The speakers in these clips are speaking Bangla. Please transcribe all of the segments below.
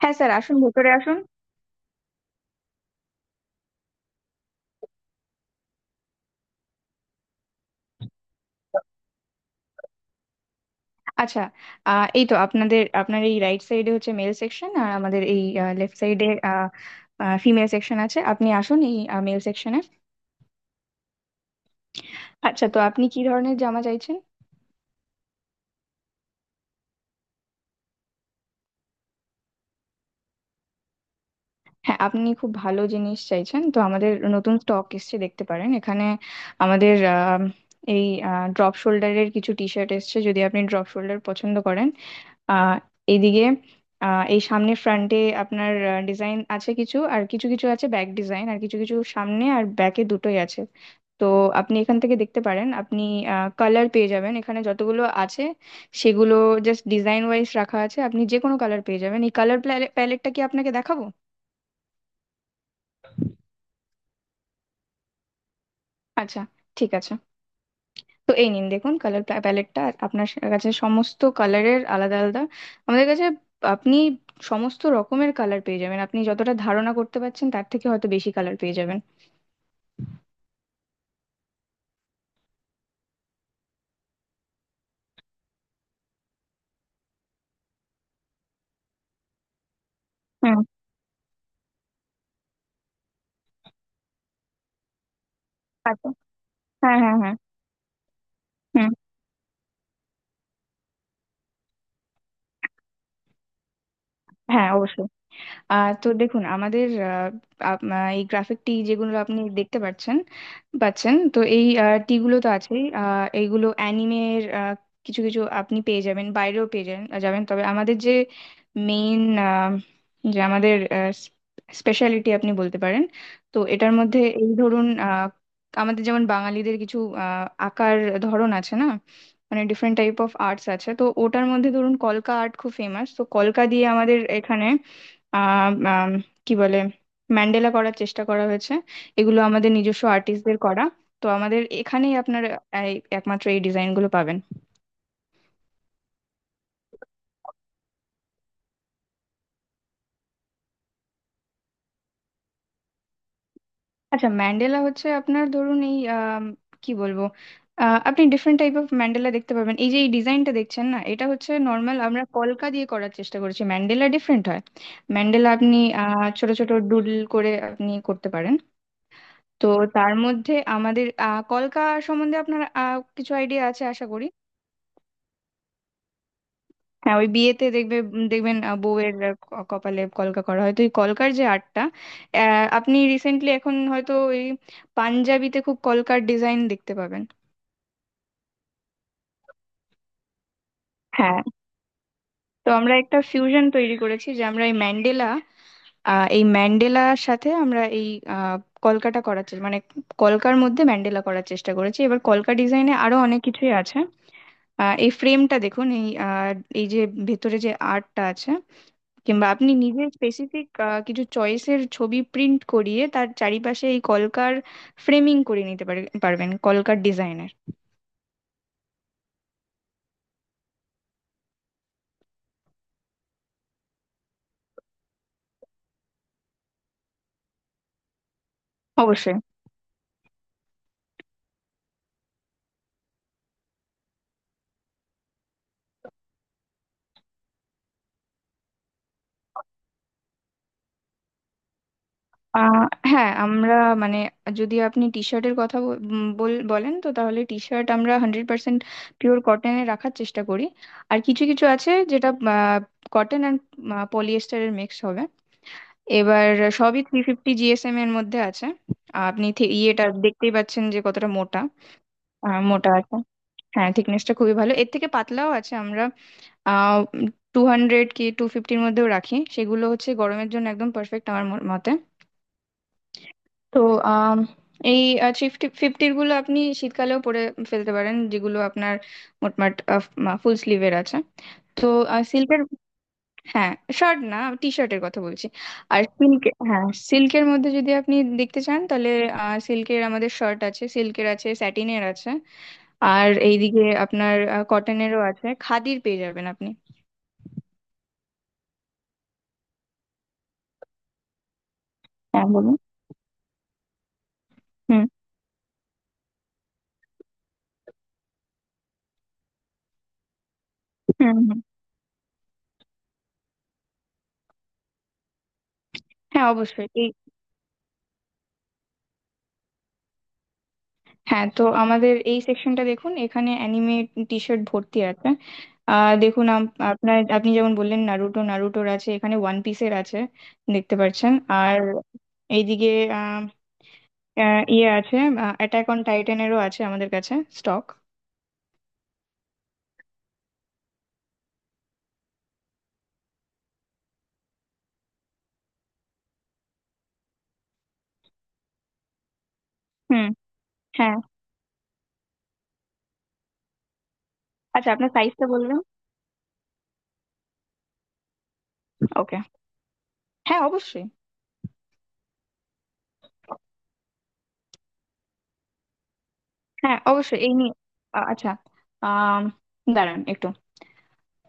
হ্যাঁ স্যার, আসুন ভেতরে আসুন। আচ্ছা। এই তো আপনার এই রাইট সাইডে হচ্ছে মেল সেকশন, আর আমাদের এই লেফট সাইডে ফিমেল সেকশন আছে। আপনি আসুন এই মেল সেকশনে। আচ্ছা, তো আপনি কি ধরনের জামা চাইছেন? হ্যাঁ, আপনি খুব ভালো জিনিস চাইছেন, তো আমাদের নতুন স্টক এসছে, দেখতে পারেন এখানে। আমাদের এই ড্রপ শোল্ডারের কিছু টি শার্ট এসছে, যদি আপনি ড্রপ শোল্ডার পছন্দ করেন। আহ এইদিকে, এই সামনে ফ্রন্টে আপনার ডিজাইন আছে কিছু, আর কিছু কিছু আছে ব্যাক ডিজাইন, আর কিছু কিছু সামনে আর ব্যাকে দুটোই আছে। তো আপনি এখান থেকে দেখতে পারেন। আপনি কালার পেয়ে যাবেন, এখানে যতগুলো আছে সেগুলো জাস্ট ডিজাইন ওয়াইজ রাখা আছে। আপনি যে কোনো কালার পেয়ে যাবেন। এই কালার প্যালেটটা কি আপনাকে দেখাবো? আচ্ছা, ঠিক আছে। তো এই নিন, দেখুন কালার প্যালেটটা। আপনার কাছে সমস্ত কালারের আলাদা আলাদা, আমাদের কাছে আপনি সমস্ত রকমের কালার পেয়ে যাবেন। আপনি যতটা ধারণা করতে পারছেন, তার থেকে হয়তো বেশি কালার পেয়ে যাবেন। হুম। আচ্ছা। হ্যাঁ হ্যাঁ হ্যাঁ। হুম। হ্যাঁ অবশ্যই। তো দেখুন আমাদের, এই গ্রাফিক টি যেগুলো আপনি দেখতে পাচ্ছেন পাচ্ছেন, তো এই টি গুলো তো আছেই। এইগুলো অ্যানিমের কিছু কিছু, আপনি পেয়ে যাবেন বাইরেও, পেয়ে যাবেন যাবেন, তবে আমাদের যে মেইন, যে আমাদের স্পেশালিটি আপনি বলতে পারেন, তো এটার মধ্যে এই ধরুন আমাদের যেমন বাঙালিদের কিছু আঁকার ধরন আছে না, মানে ডিফারেন্ট টাইপ অফ আর্টস আছে, তো ওটার মধ্যে ধরুন কলকা আর্ট খুব ফেমাস, তো কলকা দিয়ে আমাদের এখানে আহ আম, কি বলে, ম্যান্ডেলা করার চেষ্টা করা হয়েছে। এগুলো আমাদের নিজস্ব আর্টিস্টদের করা। তো আমাদের এখানেই আপনার এই একমাত্র এই ডিজাইনগুলো পাবেন। আচ্ছা, ম্যান্ডেলা হচ্ছে আপনার ধরুন এই কি বলবো, আপনি ডিফারেন্ট টাইপ অফ ম্যান্ডেলা দেখতে পাবেন। এই যে এই ডিজাইনটা দেখছেন না, এটা হচ্ছে নর্মাল, আমরা কলকা দিয়ে করার চেষ্টা করেছি। ম্যান্ডেলা ডিফারেন্ট হয়। ম্যান্ডেলা আপনি ছোট ছোট ডুডল করে আপনি করতে পারেন। তো তার মধ্যে আমাদের কলকা সম্বন্ধে আপনার কিছু আইডিয়া আছে আশা করি। হ্যাঁ, ওই বিয়েতে দেখবে, দেখবেন বউয়ের কপালে কলকা করা হয়, তো এই কলকার যে আর্টটা আপনি রিসেন্টলি এখন হয়তো ওই পাঞ্জাবিতে খুব কলকার ডিজাইন দেখতে পাবেন। হ্যাঁ। তো আমরা একটা ফিউশন তৈরি করেছি, যে আমরা এই ম্যান্ডেলা, এই ম্যান্ডেলার সাথে আমরা এই আহ, কলকাটা করার চেষ্টা, মানে কলকার মধ্যে ম্যান্ডেলা করার চেষ্টা করেছি। এবার কলকা ডিজাইনে আরো অনেক কিছুই আছে। এই ফ্রেমটা দেখুন, এই এই যে ভেতরে যে আর্টটা আছে, কিংবা আপনি নিজে স্পেসিফিক কিছু চয়েসের ছবি প্রিন্ট করিয়ে তার চারিপাশে এই কলকার ফ্রেমিং করে নিতে পারবেন, কলকার ডিজাইনের। অবশ্যই। আহ, হ্যাঁ আমরা, মানে যদি আপনি টি শার্টের কথা বলেন, তো তাহলে টি শার্ট আমরা 100% পিওর কটনে রাখার চেষ্টা করি। আর কিছু কিছু আছে যেটা কটন অ্যান্ড পলিয়েস্টারের মিক্স হবে। এবার সবই 350 GSM এর মধ্যে আছে। আপনি ইয়েটা দেখতেই পাচ্ছেন যে কতটা মোটা। মোটা আছে। হ্যাঁ, থিকনেসটা খুবই ভালো। এর থেকে পাতলাও আছে, আমরা আহ 200 কি টু ফিফটির মধ্যেও রাখি। সেগুলো হচ্ছে গরমের জন্য একদম পারফেক্ট আমার মতে। তো আম, এই ফিফটি ফিফটির গুলো আপনি শীতকালেও পরে ফেলতে পারেন, যেগুলো আপনার মোটমাট ফুল স্লিভের আছে। তো সিল্কের, হ্যাঁ, শার্ট না, টি শার্টের কথা বলছি। আর সিল্ক, হ্যাঁ সিল্কের মধ্যে যদি আপনি দেখতে চান, তাহলে সিল্কের আমাদের শার্ট আছে, সিল্কের আছে, স্যাটিনের আছে। আর এইদিকে আপনার কটনেরও আছে, খাদির পেয়ে যাবেন আপনি। হ্যাঁ বলুন। হুম হুম হুম। হ্যাঁ অবশ্যই এই। হ্যাঁ, তো আমাদের এই সেকশনটা দেখুন, এখানে অ্যানিমে টি শার্ট ভর্তি আছে। দেখুন, আম- আপনার আপনি যেমন বললেন, নারুটো, নারুটোর আছে এখানে, ওয়ান পিসের আছে দেখতে পাচ্ছেন। আর এইদিকে আহ, আহ, ইয়ে আছে, অ্যাটাক অন টাইটানেরও আছে আমাদের কাছে স্টক। হুম। হ্যাঁ। আচ্ছা, আপনার সাইজটা বলবেন? ওকে। হ্যাঁ অবশ্যই। হ্যাঁ অবশ্যই এই নিয়ে। আচ্ছা, আম, দাঁড়ান একটু।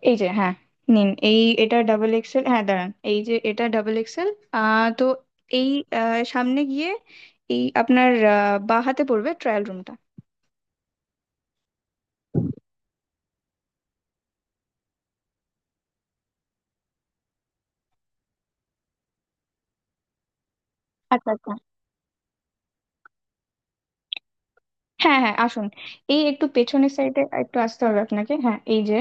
এই যে, হ্যাঁ নিন, এই এটা XXL। হ্যাঁ দাঁড়ান, এই যে এটা XXL। তো এই আ, সামনে গিয়ে এই আপনার বাঁ হাতে পড়বে ট্রায়াল রুমটা। আচ্ছা আচ্ছা। হ্যাঁ হ্যাঁ আসুন, এই একটু পেছনের সাইডে একটু আসতে হবে আপনাকে, হ্যাঁ এই যে।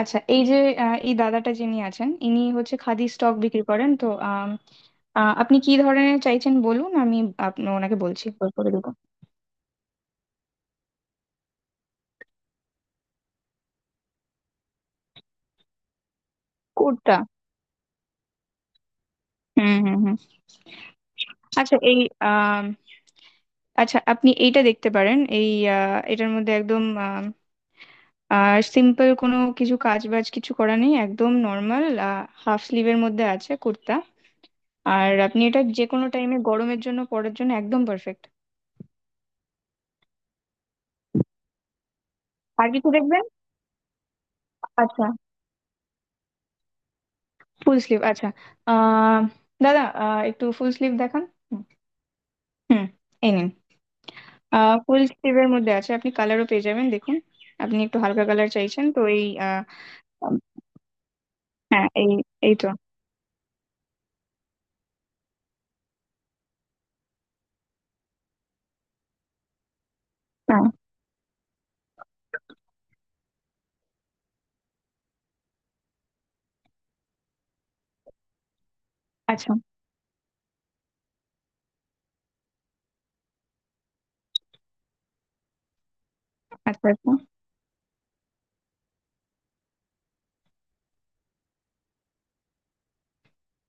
আচ্ছা এই যে এই দাদাটা যিনি আছেন, ইনি হচ্ছে খাদি স্টক বিক্রি করেন, তো আপনি কি ধরনের চাইছেন বলুন, আমি ওনাকে বলছি, করে দেবো। কোটটা। হুম হুম হুম। আচ্ছা এই আম, আচ্ছা আপনি এইটা দেখতে পারেন, এই এটার মধ্যে একদম সিম্পল, কোনো কিছু কাজ বাজ কিছু করা নেই, একদম নর্মাল হাফ স্লিভের মধ্যে আছে কুর্তা। আর আপনি এটা যে কোনো টাইমে গরমের জন্য পরার জন্য একদম পারফেক্ট। আর কিছু দেখবেন? আচ্ছা, ফুল স্লিভ আচ্ছা। আহ দাদা, একটু ফুল স্লিভ দেখান। হুম। এই নিন, ফুল স্লিভের মধ্যে আছে, আপনি কালারও পেয়ে যাবেন, দেখুন। আপনি একটু হালকা কালার চাইছেন তো এই হ্যাঁ এই, এই তো। ও আচ্ছা আচ্ছা আচ্ছা।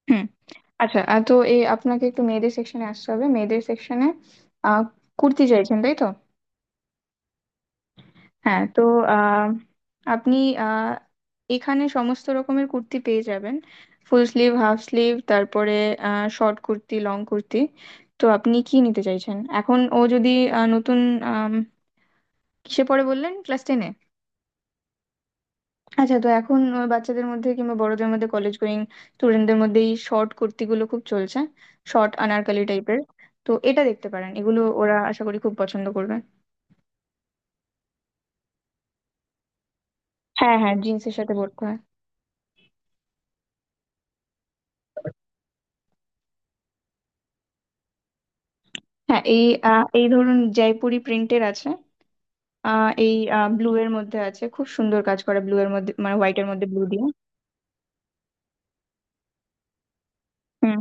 হুম। আচ্ছা, তো এই আপনাকে একটু মেয়েদের সেকশনে আসতে হবে, মেয়েদের সেকশনে কুর্তি চাইছেন তাই তো? হ্যাঁ, তো আহ, আপনি আহ, এখানে সমস্ত রকমের কুর্তি পেয়ে যাবেন, ফুল স্লিভ হাফ স্লিভ, তারপরে শর্ট কুর্তি লং কুর্তি। তো আপনি কি নিতে চাইছেন এখন? ও যদি নতুন, আম, কিসে পড়ে বললেন, ক্লাস 10-এ? আচ্ছা, তো এখন বাচ্চাদের মধ্যে কিংবা বড়দের মধ্যে কলেজ গোয়িং স্টুডেন্টদের মধ্যে এই শর্ট কুর্তিগুলো খুব চলছে, শর্ট আনারকলি টাইপের। তো এটা দেখতে পারেন, এগুলো ওরা আশা করি খুব পছন্দ করবে। হ্যাঁ হ্যাঁ, জিন্সের সাথে পরতে হয়। হ্যাঁ এই এই ধরুন জয়পুরি প্রিন্টের আছে, এই ব্লু এর মধ্যে আছে, খুব সুন্দর কাজ করা ব্লু এর মধ্যে, মানে হোয়াইট এর মধ্যে ব্লু দিয়ে। হুম।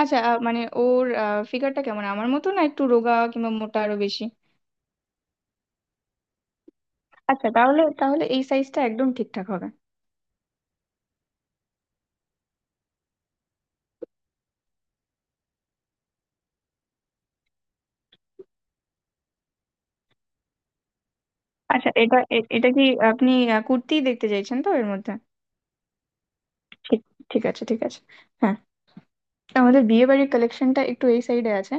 আচ্ছা, মানে ওর ফিগারটা কেমন, আমার মতো, না একটু রোগা, কিংবা মোটা আরো বেশি? আচ্ছা, তাহলে তাহলে এই সাইজটা একদম ঠিকঠাক হবে। আচ্ছা এটা এটা কি আপনি কুর্তি দেখতে চাইছেন তো এর মধ্যে? ঠিক, ঠিক আছে, ঠিক আছে। হ্যাঁ, আমাদের বিয়ে বাড়ির কালেকশনটা একটু এই সাইডে আছে।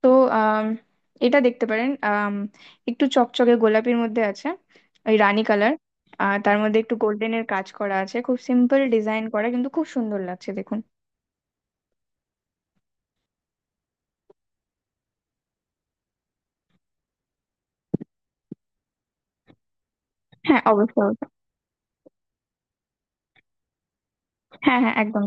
তো আম, এটা দেখতে পারেন, একটু চকচকে গোলাপির মধ্যে আছে, ওই রানী কালার। আর তার মধ্যে একটু গোল্ডেনের কাজ করা আছে, খুব সিম্পল ডিজাইন করা, কিন্তু খুব সুন্দর লাগছে, দেখুন। হ্যাঁ অবশ্যই, অবশ্যই। হ্যাঁ হ্যাঁ একদম